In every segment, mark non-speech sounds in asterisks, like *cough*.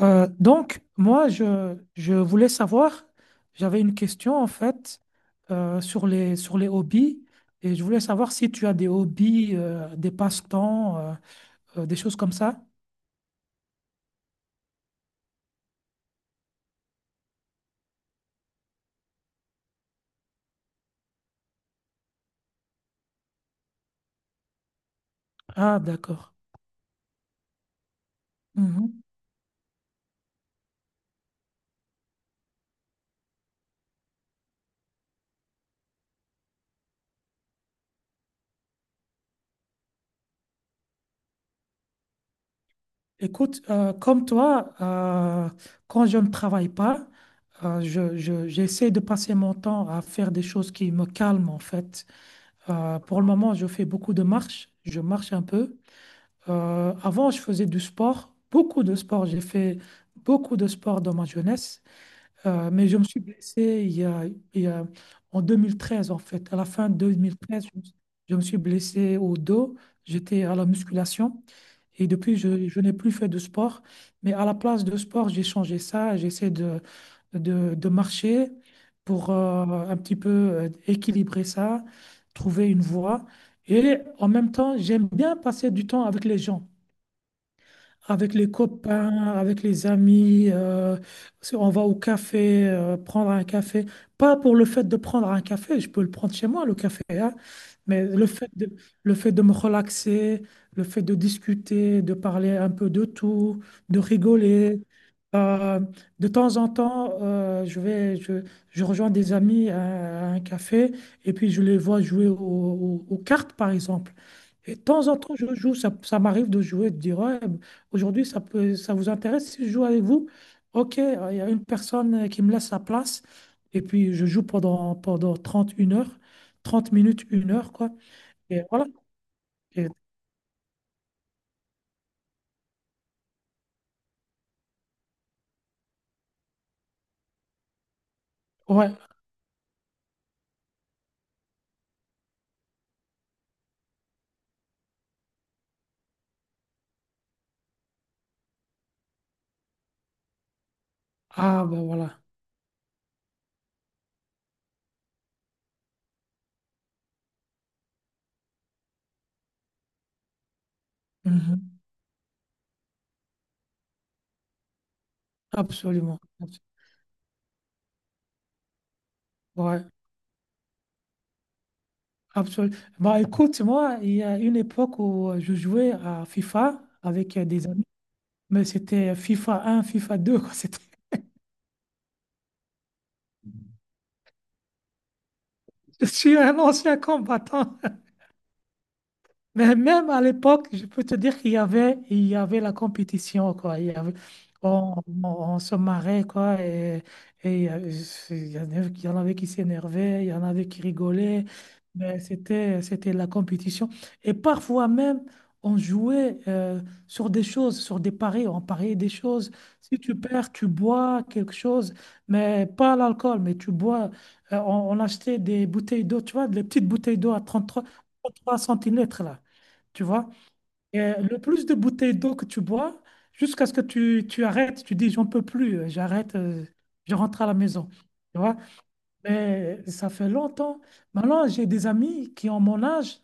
Donc, moi, je voulais savoir, j'avais une question en fait sur les hobbies et je voulais savoir si tu as des hobbies, des passe-temps, des choses comme ça. Ah, d'accord. Mhm. Écoute, comme toi, quand je ne travaille pas, j'essaie de passer mon temps à faire des choses qui me calment en fait. Pour le moment, je fais beaucoup de marches, je marche un peu. Avant, je faisais du sport, beaucoup de sport. J'ai fait beaucoup de sport dans ma jeunesse. Mais je me suis blessé il y a- en 2013, en fait. À la fin de 2013, je me suis blessé au dos. J'étais à la musculation et depuis, je n'ai plus fait de sport. Mais à la place de sport, j'ai changé ça. J'essaie de marcher pour un petit peu équilibrer ça, trouver une voie. Et en même temps, j'aime bien passer du temps avec les gens, avec les copains, avec les amis. Si on va au café, prendre un café. Pas pour le fait de prendre un café, je peux le prendre chez moi, le café, hein, mais le fait de me relaxer, le fait de discuter, de parler un peu de tout, de rigoler. Euh, de temps en temps, je rejoins des amis à un café et puis je les vois jouer aux cartes, par exemple. Et de temps en temps, je joue, ça m'arrive de jouer, de dire, ouais. Aujourd'hui, ça vous intéresse si je joue avec vous? Ok, il y a une personne qui me laisse sa place et puis je joue pendant 30 une heure, 30 minutes, une heure, quoi. Et voilà. Et- ouais, ah bah voilà. Mhm. Absolument. Ouais, absolument. Bah écoute, moi, il y a une époque où je jouais à FIFA avec des amis, mais c'était FIFA 1, FIFA 2, quoi. C'était. *laughs* Je suis un ancien combattant. Mais même à l'époque, je peux te dire qu'il y avait la compétition, quoi. Il y avait, on, on- On se marrait, quoi. Et il y avait- il y en avait il y en avait qui s'énervaient, il y en avait qui rigolaient. Mais c'était la compétition. Et parfois même, on jouait sur des choses, sur des paris. On pariait des choses. Si tu perds, tu bois quelque chose, mais pas l'alcool, mais tu bois. On achetait des bouteilles d'eau, tu vois, des petites bouteilles d'eau à trente-trois centilitres, là tu vois. Et le plus de bouteilles d'eau que tu bois, jusqu'à ce que tu arrêtes, tu dis, j'en peux plus, j'arrête, je rentre à la maison, tu vois. Mais ça fait longtemps. Maintenant, j'ai des amis qui ont mon âge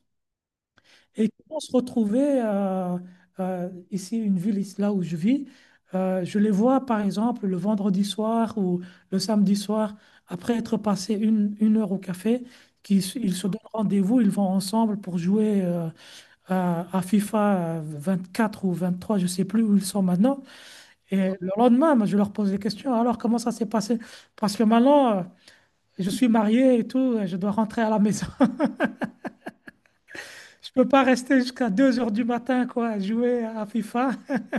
et qui vont se retrouver ici, une ville, ici, là où je vis. Je les vois, par exemple, le vendredi soir ou le samedi soir, après être passé une heure au café, qu'ils, ils se donnent rendez-vous, ils vont ensemble pour jouer. À FIFA 24 ou 23, je ne sais plus où ils sont maintenant. Et le lendemain, moi, je leur pose des questions. Alors, comment ça s'est passé? Parce que maintenant, je suis marié et tout, et je dois rentrer à la maison. *laughs* Je ne peux pas rester jusqu'à 2 heures du matin, quoi, jouer à FIFA. *laughs*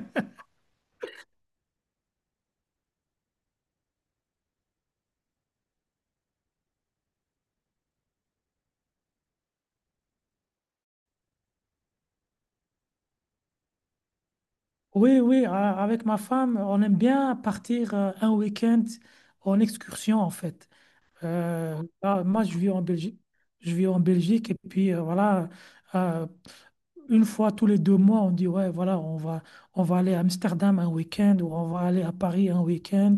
Oui, oui, avec ma femme, on aime bien partir un week-end en excursion, en fait. Là, moi, je vis en Belgique. Je vis en Belgique et puis voilà. euh, une fois tous les 2 mois, on dit, ouais, voilà, on va aller à Amsterdam un week-end, ou on va aller à Paris un week-end,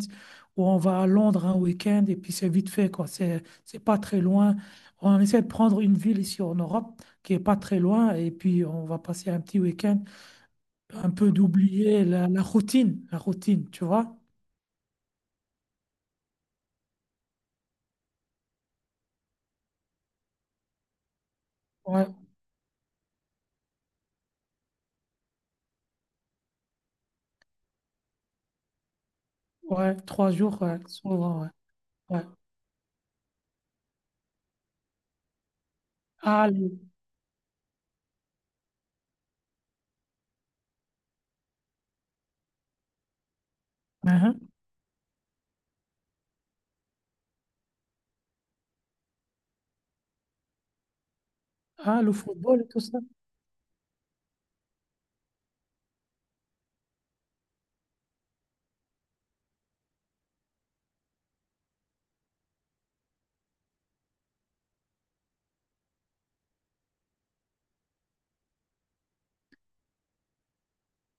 ou on va à Londres un week-end, et puis c'est vite fait, quoi. C'est pas très loin. On essaie de prendre une ville ici en Europe qui est pas très loin, et puis on va passer un petit week-end, un peu d'oublier la routine, tu vois? Ouais, ouais, trois jours, ouais, souvent, ouais, ouais. Ah. Uhum. Ah, le football et tout ça.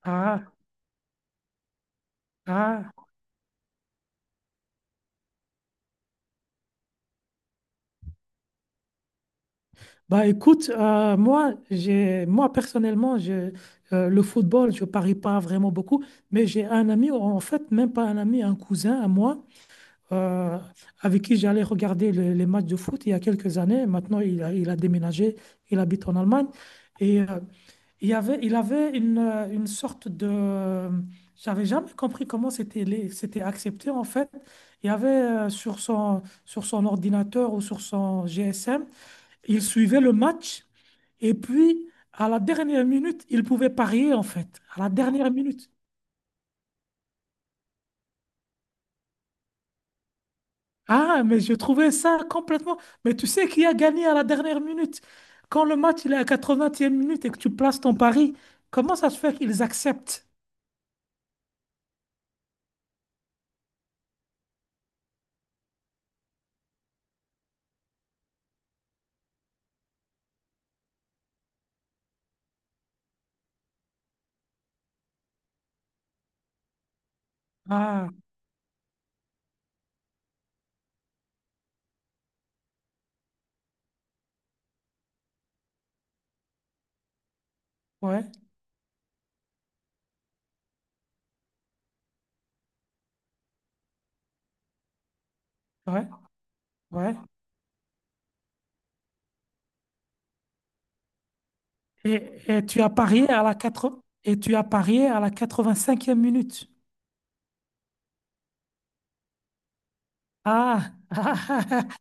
Ah, ah. Bah écoute, moi, moi personnellement, le football, je parie pas vraiment beaucoup, mais j'ai un ami, en fait, même pas un ami, un cousin à moi, euh, avec qui j'allais regarder les matchs de foot il y a quelques années. Maintenant, il a déménagé, il habite en Allemagne. Et il avait une, une sorte de. J'avais jamais compris comment c'était accepté, en fait. Il y avait sur son ordinateur ou sur son GSM, il suivait le match. Et puis, à la dernière minute, ils pouvaient parier, en fait. À la dernière minute. Ah, mais je trouvais ça complètement. Mais tu sais qui a gagné à la dernière minute? Quand le match il est à 80e minute et que tu places ton pari, comment ça se fait qu'ils acceptent? Ah, ouais, ouais, ouais. Et tu as parié à la quatre. Et tu as parié à la 85e minute. Ah, ah, ah, *laughs*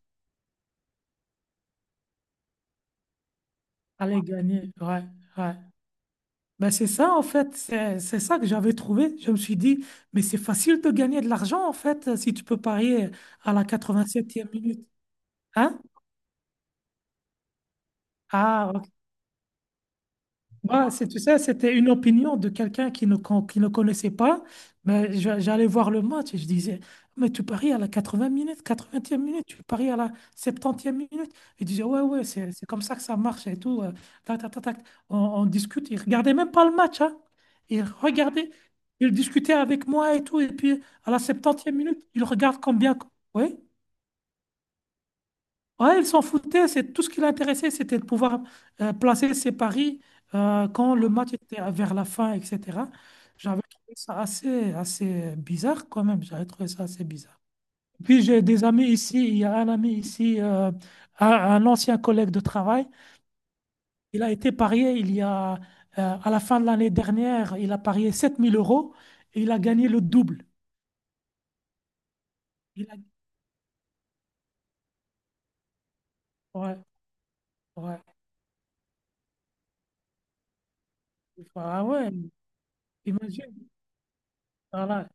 allez gagner. Ouais, ouais. Ben c'est ça, en fait, c'est ça que j'avais trouvé. Je me suis dit, mais c'est facile de gagner de l'argent, en fait, si tu peux parier à la 87e minute. Hein? Ah, moi, tu sais, c'était une opinion de quelqu'un qui ne connaissait pas, mais j'allais voir le match et je disais, mais tu paries à la quatre e minute, 80e minute, tu paries à la 70e minute. Il disait, ouais, ouais, c'est comme ça que ça marche et tout. Tac, tac, tac, tac. On discute. Il regardait même pas le match, hein. Il regardait, il discutait avec moi et tout. Et puis, à la 70e minute, il regarde combien. Oui. Ouais, il s'en foutait. C'est tout ce qui l'intéressait, c'était de pouvoir placer ses paris quand le match était vers la fin, etc. J'avais trouvé ça assez bizarre quand même. J'avais trouvé ça assez bizarre. Puis j'ai des amis ici. Il y a un ami ici, un ancien collègue de travail. Il a été parié à la fin de l'année dernière, il a parié 7 000 euros et il a gagné le double. Il a. Ouais, ouais. Ah ouais, imagine. Voilà.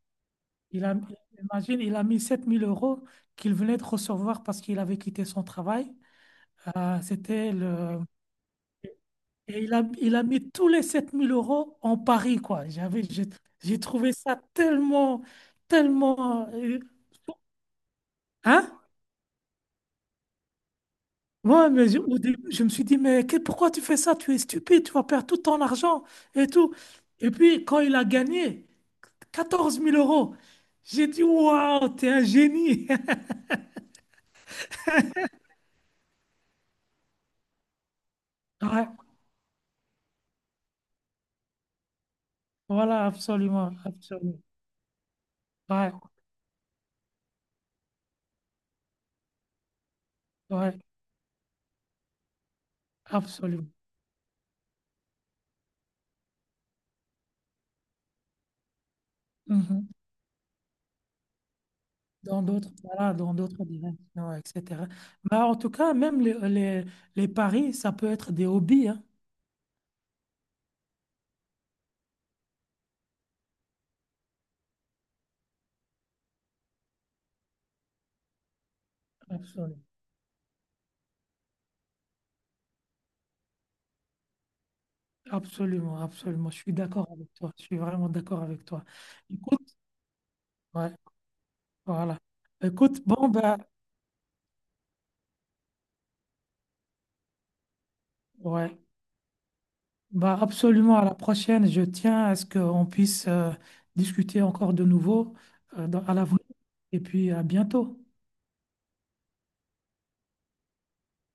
Il a, imagine, il a mis 7 000 euros qu'il venait de recevoir parce qu'il avait quitté son travail. C'était le. Et il a mis tous les 7 000 euros en Paris, quoi. J'ai trouvé ça tellement, tellement. Hein? Ouais, mais au début, je me suis dit, mais pourquoi tu fais ça? Tu es stupide, tu vas perdre tout ton argent et tout. Et puis, quand il a gagné 14 000 euros, j'ai dit, waouh, t'es un génie. *laughs* Ouais, voilà, absolument, absolument. Ouais. Ouais, absolument. Mhm. Dans d'autres, voilà, dans d'autres directions, etc. Bah, en tout cas, même les paris, ça peut être des hobbies, hein. Absolument. Absolument, absolument. Je suis d'accord avec toi. Je suis vraiment d'accord avec toi. Écoute, ouais, voilà. Écoute, bon, bah, ouais, bah, absolument. À la prochaine, je tiens à ce qu'on puisse discuter encore de nouveau à l'avenir. Et puis, à bientôt.